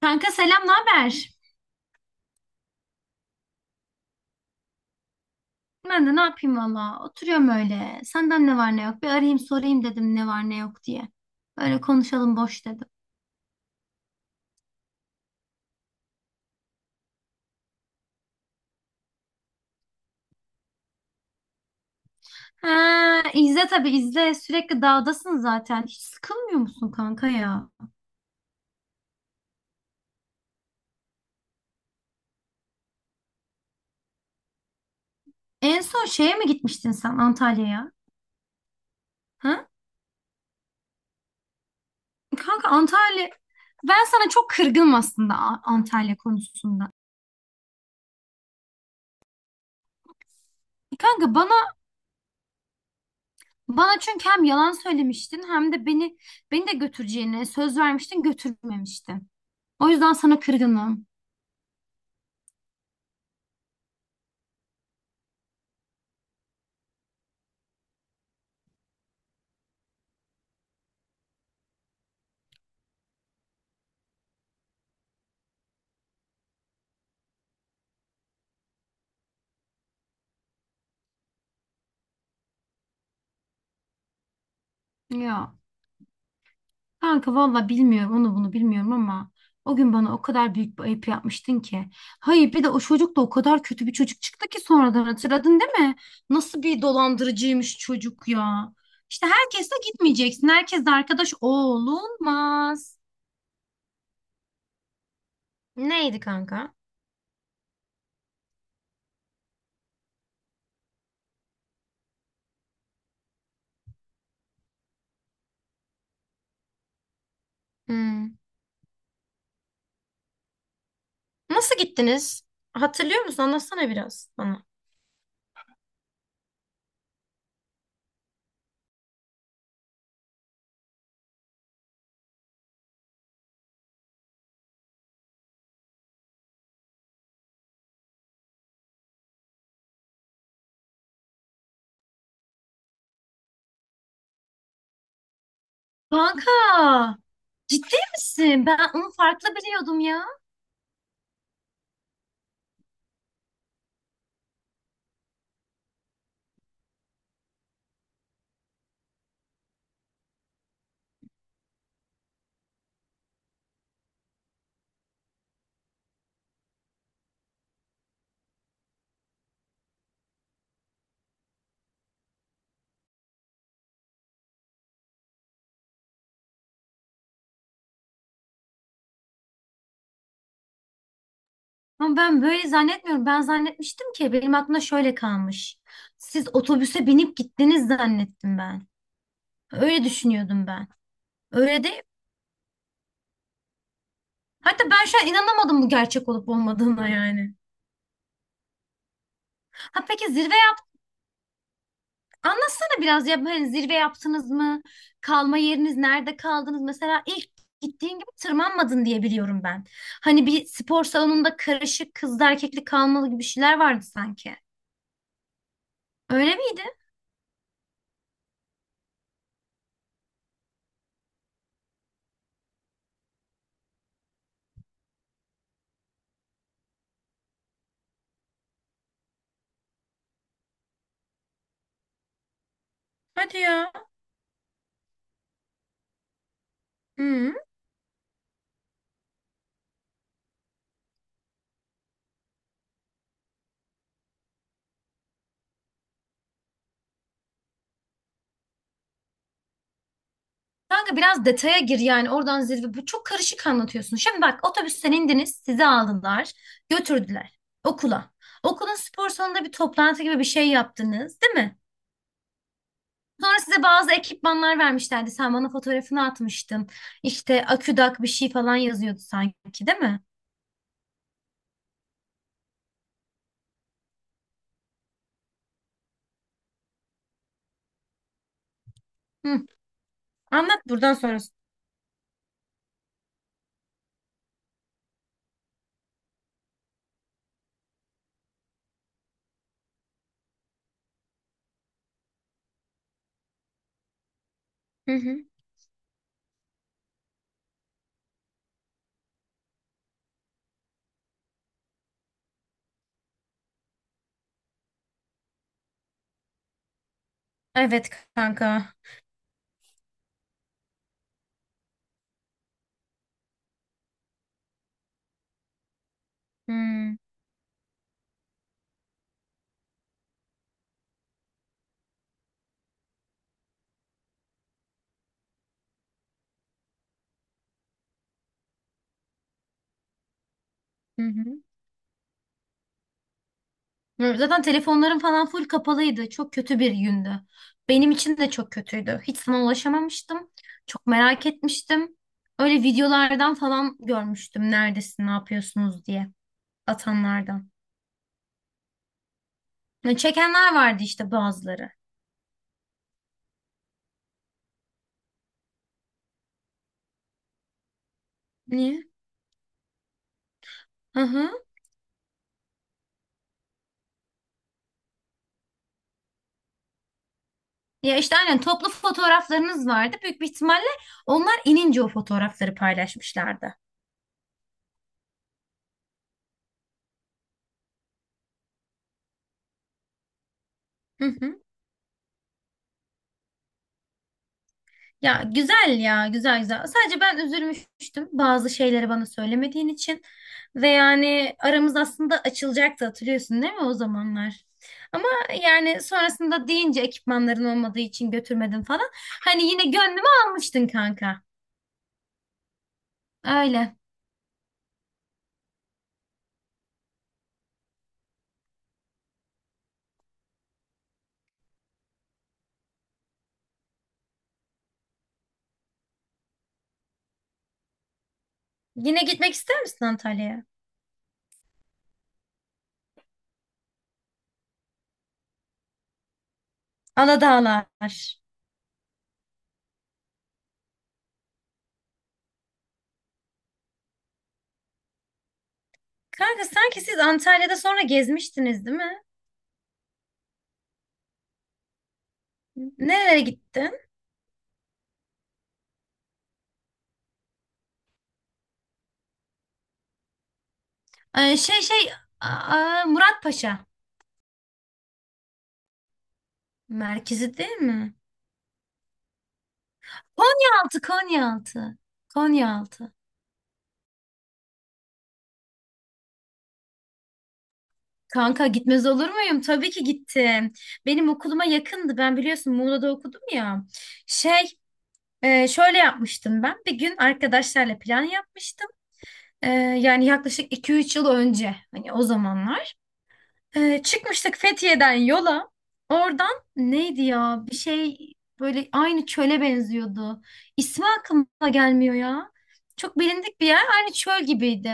Kanka selam, ne haber? Ben de ne yapayım valla. Oturuyorum öyle. Senden ne var ne yok. Bir arayayım sorayım dedim ne var ne yok diye. Öyle konuşalım boş dedim. Ha, izle tabii izle. Sürekli dağdasın zaten. Hiç sıkılmıyor musun kanka ya? En son şeye mi gitmiştin sen Antalya'ya? Ha? Kanka Antalya... Ben sana çok kırgınım aslında Antalya konusunda. Kanka bana çünkü hem yalan söylemiştin hem de beni de götüreceğine söz vermiştin götürmemiştin. O yüzden sana kırgınım. Ya kanka valla bilmiyorum onu bunu bilmiyorum ama o gün bana o kadar büyük bir ayıp yapmıştın ki. Hayır bir de o çocuk da o kadar kötü bir çocuk çıktı ki sonradan hatırladın değil mi? Nasıl bir dolandırıcıymış çocuk ya. İşte herkesle gitmeyeceksin. Herkesle arkadaş olunmaz. Neydi kanka? Hmm. Nasıl gittiniz? Hatırlıyor musun? Anlatsana biraz bana. Kanka ciddi misin? Ben onu farklı biliyordum ya. Ama ben böyle zannetmiyorum. Ben zannetmiştim ki benim aklımda şöyle kalmış. Siz otobüse binip gittiniz zannettim ben. Öyle düşünüyordum ben. Öyle değil. Hatta ben şu an inanamadım bu gerçek olup olmadığına yani. Ha peki zirve yap anlatsana biraz ya hani zirve yaptınız mı? Kalma yeriniz nerede kaldınız? Mesela ilk gittiğin gibi tırmanmadın diye biliyorum ben. Hani bir spor salonunda karışık kızlı erkekli kalmalı gibi şeyler vardı sanki. Öyle miydi? Hmm. Kanka biraz detaya gir yani oradan zirve. Bu çok karışık anlatıyorsun. Şimdi bak otobüsten indiniz, sizi aldılar, götürdüler okula. Okulun spor salonunda bir toplantı gibi bir şey yaptınız, değil mi? Sonra size bazı ekipmanlar vermişlerdi. Sen bana fotoğrafını atmıştın. İşte aküdak bir şey falan yazıyordu sanki, değil mi? Hı. Anlat buradan sonrası. Hı hı. Evet kanka. Hı hı. Hı, zaten telefonlarım falan full kapalıydı. Çok kötü bir gündü. Benim için de çok kötüydü. Hiç sana ulaşamamıştım. Çok merak etmiştim. Öyle videolardan falan görmüştüm. Neredesin, ne yapıyorsunuz diye. Atanlardan. Ya çekenler vardı işte bazıları. Niye? Hı hı. Ya işte aynen toplu fotoğraflarınız vardı. Büyük bir ihtimalle onlar inince o fotoğrafları paylaşmışlardı. Hı hı. Ya güzel ya güzel güzel. Sadece ben üzülmüştüm bazı şeyleri bana söylemediğin için. Ve yani aramız aslında açılacaktı hatırlıyorsun değil mi o zamanlar? Ama yani sonrasında deyince ekipmanların olmadığı için götürmedim falan. Hani yine gönlümü almıştın kanka. Öyle. Yine gitmek ister misin Antalya'ya? Aladağlar. Kanka sanki siz Antalya'da sonra gezmiştiniz değil mi? Nerelere gittin? Şey Muratpaşa merkezi değil mi? Konyaaltı, Konyaaltı. Konyaaltı. Kanka gitmez olur muyum? Tabii ki gittim. Benim okuluma yakındı. Ben biliyorsun Muğla'da okudum ya. Şey, Şöyle yapmıştım ben. Bir gün arkadaşlarla plan yapmıştım. Yani yaklaşık iki üç yıl önce. Hani o zamanlar. Çıkmıştık Fethiye'den yola. Oradan neydi ya? Bir şey böyle aynı çöle benziyordu. İsmi aklıma gelmiyor ya. Çok bilindik bir yer. Aynı çöl gibiydi.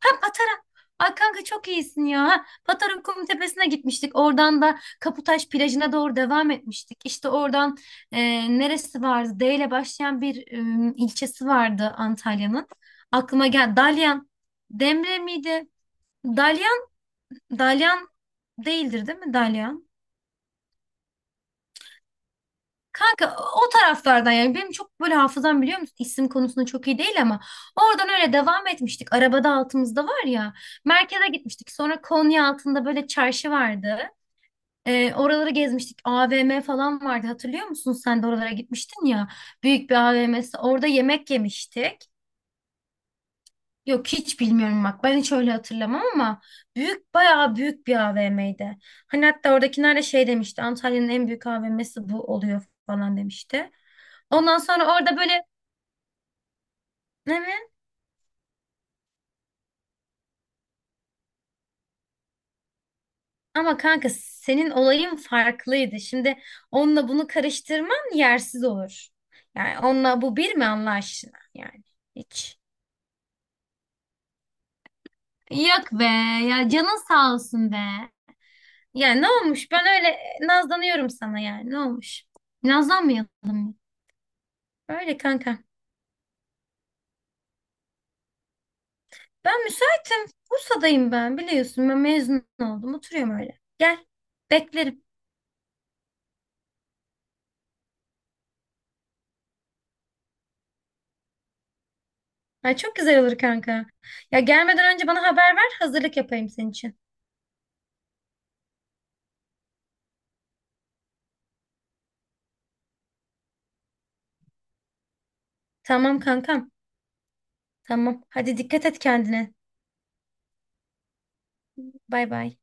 Ha Patara. Ay kanka çok iyisin ya. Ha, Patara Kumu Tepesi'ne gitmiştik. Oradan da Kaputaş plajına doğru devam etmiştik. İşte oradan e, neresi vardı? D ile başlayan bir ilçesi vardı Antalya'nın. Aklıma gel. Dalyan. Demre miydi? Dalyan. Dalyan değildir değil mi? Dalyan. Kanka o taraflardan yani benim çok böyle hafızam biliyor musun isim konusunda çok iyi değil ama oradan öyle devam etmiştik. Arabada altımızda var ya merkeze gitmiştik sonra Konya altında böyle çarşı vardı. Oraları gezmiştik AVM falan vardı hatırlıyor musun sen de oralara gitmiştin ya büyük bir AVM'si orada yemek yemiştik. Yok hiç bilmiyorum bak ben hiç öyle hatırlamam ama bayağı büyük bir AVM'ydi. Hani hatta oradakiler de şey demişti Antalya'nın en büyük AVM'si bu oluyor falan demişti. Ondan sonra orada böyle ne mi? Ama kanka senin olayın farklıydı. Şimdi onunla bunu karıştırman yersiz olur. Yani onunla bu bir mi Allah aşkına yani hiç. Yok be ya canın sağ olsun be. Yani ne olmuş ben öyle nazlanıyorum sana yani ne olmuş. Nazlanmayalım. Öyle kanka. Ben müsaitim. Bursa'dayım ben biliyorsun. Ben mezun oldum. Oturuyorum öyle. Gel. Beklerim. Ay çok güzel olur kanka. Ya gelmeden önce bana haber ver. Hazırlık yapayım senin için. Tamam kankam. Tamam. Hadi dikkat et kendine. Bay bay.